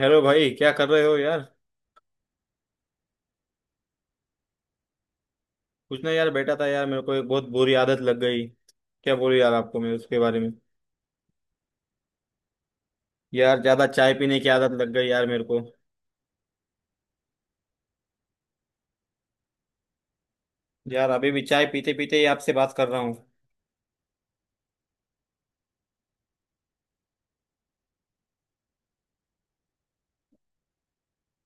Hello भाई, क्या कर रहे हो यार। कुछ ना यार, बैठा था यार। मेरे को एक बहुत बुरी आदत लग गई, क्या बोलूं यार आपको मैं उसके बारे में। यार, ज्यादा चाय पीने की आदत लग गई यार मेरे को। यार, अभी भी चाय पीते पीते ही आपसे बात कर रहा हूँ।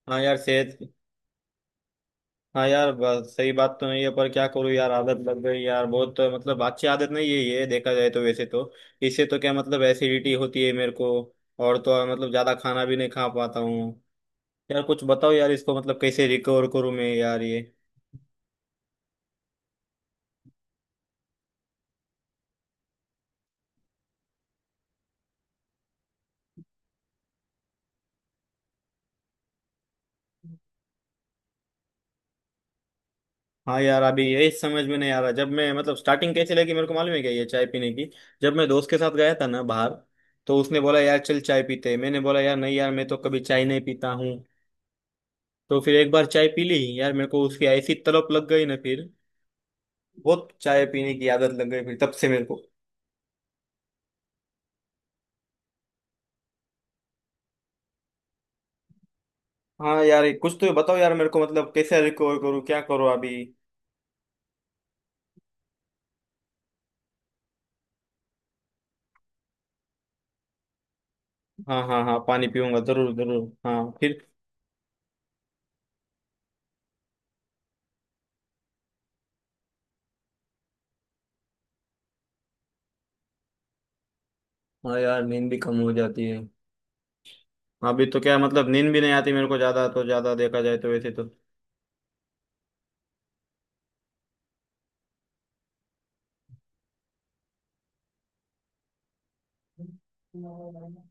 हाँ यार, सेहत। हाँ यार, सही बात तो नहीं है, पर क्या करूँ यार, आदत लग गई यार बहुत। मतलब अच्छी आदत नहीं है ये, देखा जाए तो वैसे तो। इससे तो क्या मतलब एसिडिटी होती है मेरे को। और तो और मतलब ज्यादा खाना भी नहीं खा पाता हूँ। यार कुछ बताओ यार, इसको मतलब कैसे रिकवर करूँ मैं यार ये। हाँ यार, अभी यही समझ में नहीं आ रहा। जब मैं मतलब स्टार्टिंग कैसी लगी मेरे को मालूम है क्या, ये चाय पीने की। जब मैं दोस्त के साथ गया था ना बाहर, तो उसने बोला यार चल चाय पीते हैं। मैंने बोला यार नहीं यार, मैं तो कभी चाय नहीं पीता हूँ। तो फिर एक बार चाय पी ली यार, मेरे को उसकी ऐसी तलब लग गई ना फिर। बहुत चाय पीने की आदत लग गई फिर तब से मेरे को। हाँ यार, ये कुछ तो बताओ यार मेरे को, मतलब कैसे रिकवर करूँ क्या करो अभी। हाँ, हाँ, हाँ, पानी पीऊंगा। जरूर जरूर हाँ, फिर। हाँ यार, नींद भी कम हो जाती है। अभी तो क्या मतलब नींद भी नहीं आती मेरे को ज्यादा तो ज्यादा, देखा जाए तो वैसे तो। हाँ,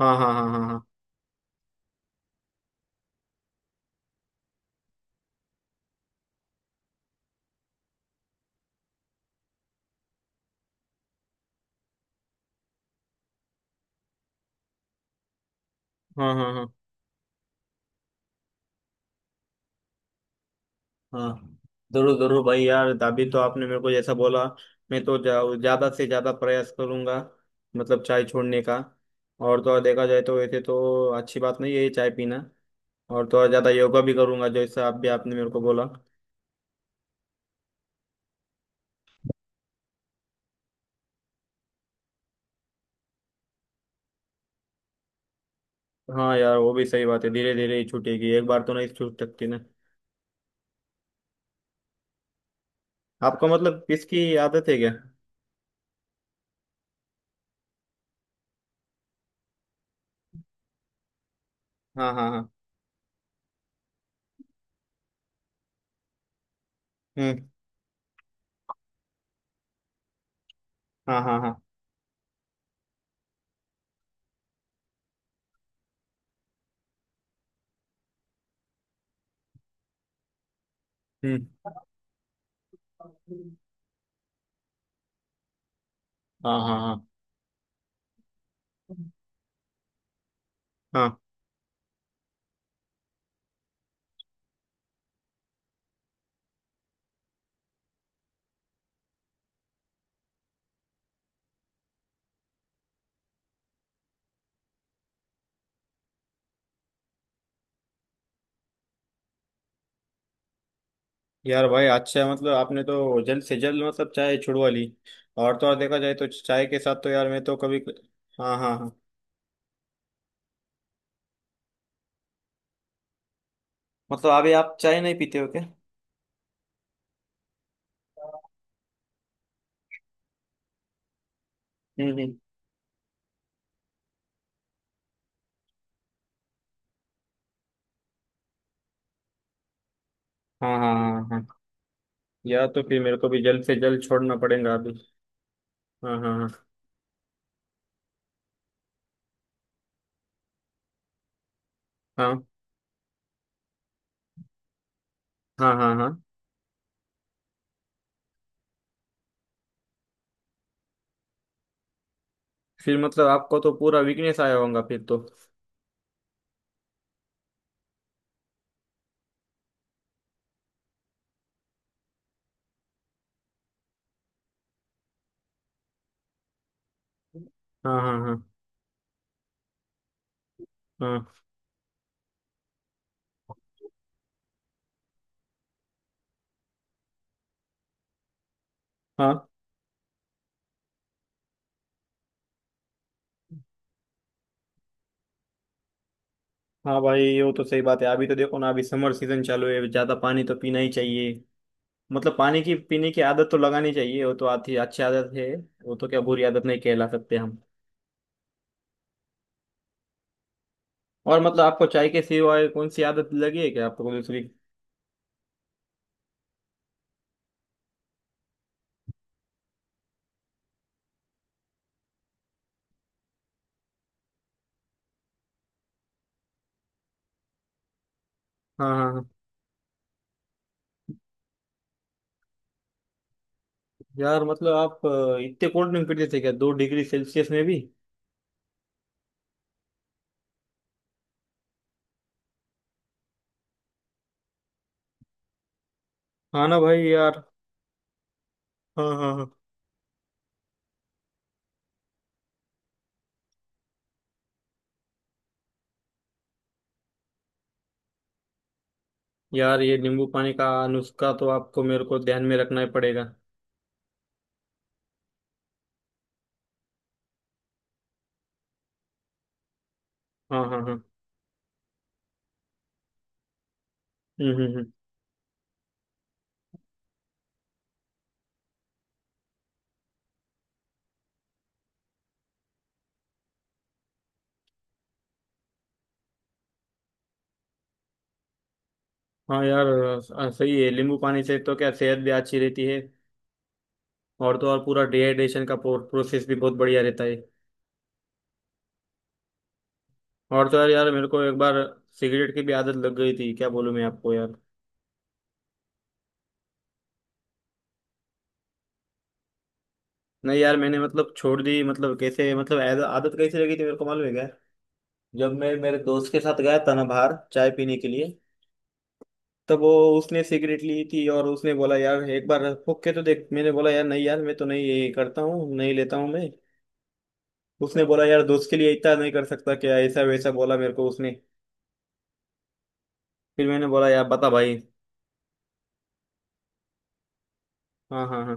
हाँ, हाँ, हाँ, हाँ, हाँ, हाँ, हाँ, हाँ। जरूर जरूर भाई यार, अभी तो आपने मेरे को जैसा बोला, मैं तो ज्यादा से ज्यादा प्रयास करूंगा, मतलब चाय छोड़ने का। और तो और देखा जाए तो वैसे तो अच्छी बात नहीं है ये चाय पीना। और तो और ज्यादा योगा भी करूंगा, जैसा आप भी आपने मेरे को बोला। हाँ यार, वो भी सही बात है। धीरे धीरे ही छूटेगी, एक बार तो नहीं छूट सकती ना। आपको मतलब इसकी आदत है क्या। हाँ, हाँ, हाँ। हम्म। हाँ, हाँ, हाँ। हम्म। हाँ, हाँ, हाँ, हाँ। यार भाई अच्छा है, मतलब आपने तो जल्द से जल्द मतलब चाय छुड़वा ली। और तो और देखा जाए तो चाय के साथ तो यार मैं तो कभी। हाँ, हाँ, हाँ। मतलब अभी आप चाय नहीं पीते हो क्या। हम्म, हम्म। हाँ, हाँ, हाँ, हाँ। यार तो फिर मेरे को भी जल्द से जल्द छोड़ना पड़ेगा अभी। हाँ, हाँ। हाँ, हाँ, हाँ, हाँ। हाँ, फिर मतलब आपको तो पूरा वीकनेस आया होगा फिर तो। हाँ हाँ, हाँ, हाँ। हाँ। हाँ भाई, ये तो सही बात है। अभी तो देखो ना, अभी समर सीजन चालू है, ज़्यादा पानी तो पीना ही चाहिए। मतलब पानी की पीने की आदत तो लगानी चाहिए, वो तो आती अच्छी आदत है। वो तो क्या बुरी आदत नहीं कहला सकते हम। और मतलब आपको चाय के सिवाय कौन सी आदत लगी है क्या, आपको कोई दूसरी। हाँ, हाँ, हाँ। यार मतलब आप इतने कोल्ड ड्रिंक पीते थे क्या, 2 डिग्री सेल्सियस में भी। हाँ ना भाई यार। हाँ, हाँ, हाँ। यार ये नींबू पानी का नुस्खा तो आपको मेरे को ध्यान में रखना ही पड़ेगा। हाँ, हाँ, हाँ। हम्म, हम्म, हाँ यार, सही है। नींबू पानी से तो क्या सेहत भी अच्छी रहती है। और तो और पूरा डिहाइड्रेशन का प्रोसेस भी बहुत बढ़िया रहता है। और तो यार, यार मेरे को एक बार सिगरेट की भी आदत लग गई थी, क्या बोलूं मैं आपको यार। नहीं यार, मैंने मतलब छोड़ दी। मतलब कैसे, मतलब आदत कैसे लगी थी मेरे को मालूम है क्या। जब मैं मेरे दोस्त के साथ गया था ना बाहर चाय पीने के लिए, तब वो, उसने सिगरेट ली थी और उसने बोला यार एक बार फूक के तो देख। मैंने बोला यार नहीं यार, मैं तो नहीं ये करता हूँ, नहीं लेता हूँ मैं। उसने बोला यार, दोस्त के लिए इतना नहीं कर सकता क्या, ऐसा वैसा बोला मेरे को उसने। फिर मैंने बोला यार, बता भाई। हाँ, हाँ, हाँ।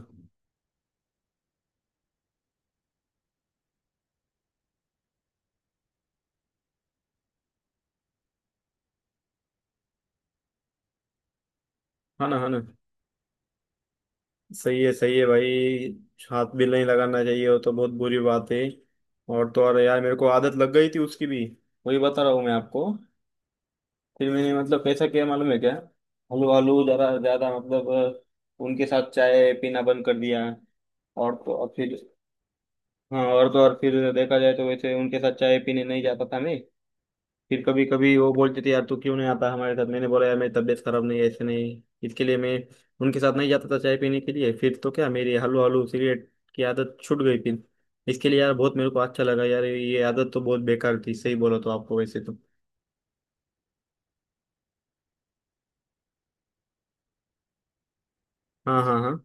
हाँ ना, हाँ ना। सही है, सही है भाई। हाथ भी नहीं लगाना चाहिए, वो तो बहुत बुरी बात है। और तो और यार, मेरे को आदत लग गई थी उसकी भी। वही बता रहा हूँ मैं आपको। फिर मैंने मतलब कैसा किया मालूम है क्या। हलू हलू ज़रा ज़्यादा मतलब उनके साथ चाय पीना बंद कर दिया। और तो और फिर। हाँ, और तो और फिर देखा जाए तो वैसे उनके साथ चाय पीने नहीं जाता था मैं। फिर कभी कभी वो बोलते थे यार तू क्यों नहीं आता हमारे साथ। मैंने बोला यार मेरी तबीयत खराब नहीं है, ऐसे नहीं इसके लिए मैं उनके साथ नहीं जाता था चाय पीने के लिए। फिर तो क्या मेरी हलू हलू सिगरेट की आदत छूट गई फिर। इसके लिए यार बहुत मेरे को अच्छा लगा। यार ये आदत तो बहुत बेकार थी, सही बोला तो आपको वैसे तो। हाँ, हाँ, हाँ।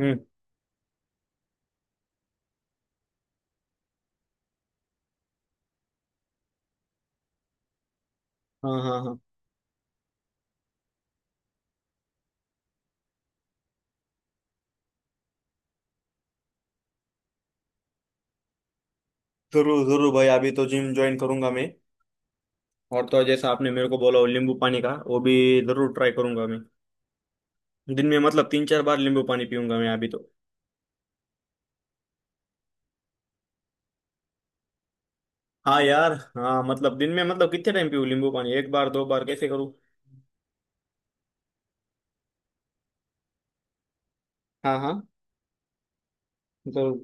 हम्म। हाँ, हाँ, हाँ। जरूर जरूर भाई, अभी तो जिम ज्वाइन करूंगा मैं। और तो जैसा आपने मेरे को बोला वो नींबू पानी का, वो भी जरूर ट्राई करूंगा मैं। दिन में मतलब 3-4 बार नींबू पानी पीऊंगा मैं अभी तो। हाँ यार, हाँ, मतलब दिन में मतलब कितने टाइम पीऊँ नींबू पानी, एक बार दो बार कैसे करूँ। हाँ, हाँ। मतलब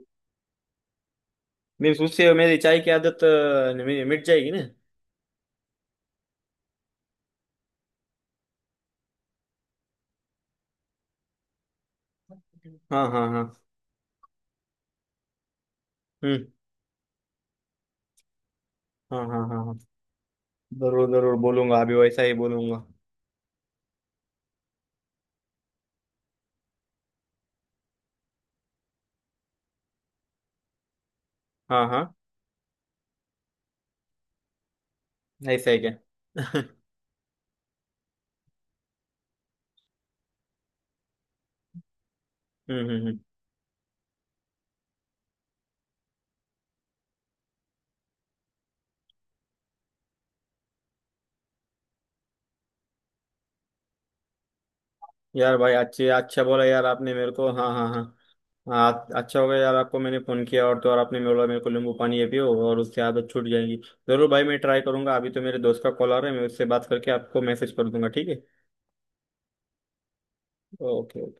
मेरी उससे मेरी चाय की आदत मेरी मिट जाएगी ना। हाँ, हाँ, हाँ। हम्म। हाँ, हाँ, हाँ, हाँ। जरूर जरूर बोलूंगा, अभी वैसा ही बोलूंगा। हाँ, हाँ। ऐसा ही क्या? हम्म, हम्म, हम्म। यार भाई अच्छे, अच्छा बोला यार आपने मेरे को। हाँ, हाँ, हाँ। हाँ, अच्छा हो गया यार, आपको मैंने फ़ोन किया और तो और आपने बोला मेरे को नींबू पानी ये पियो और उससे आदत छूट जाएगी। ज़रूर भाई, मैं ट्राई करूंगा। अभी तो मेरे दोस्त का कॉल आ रहा है, मैं उससे बात करके आपको मैसेज कर दूंगा। ठीक है? ओके।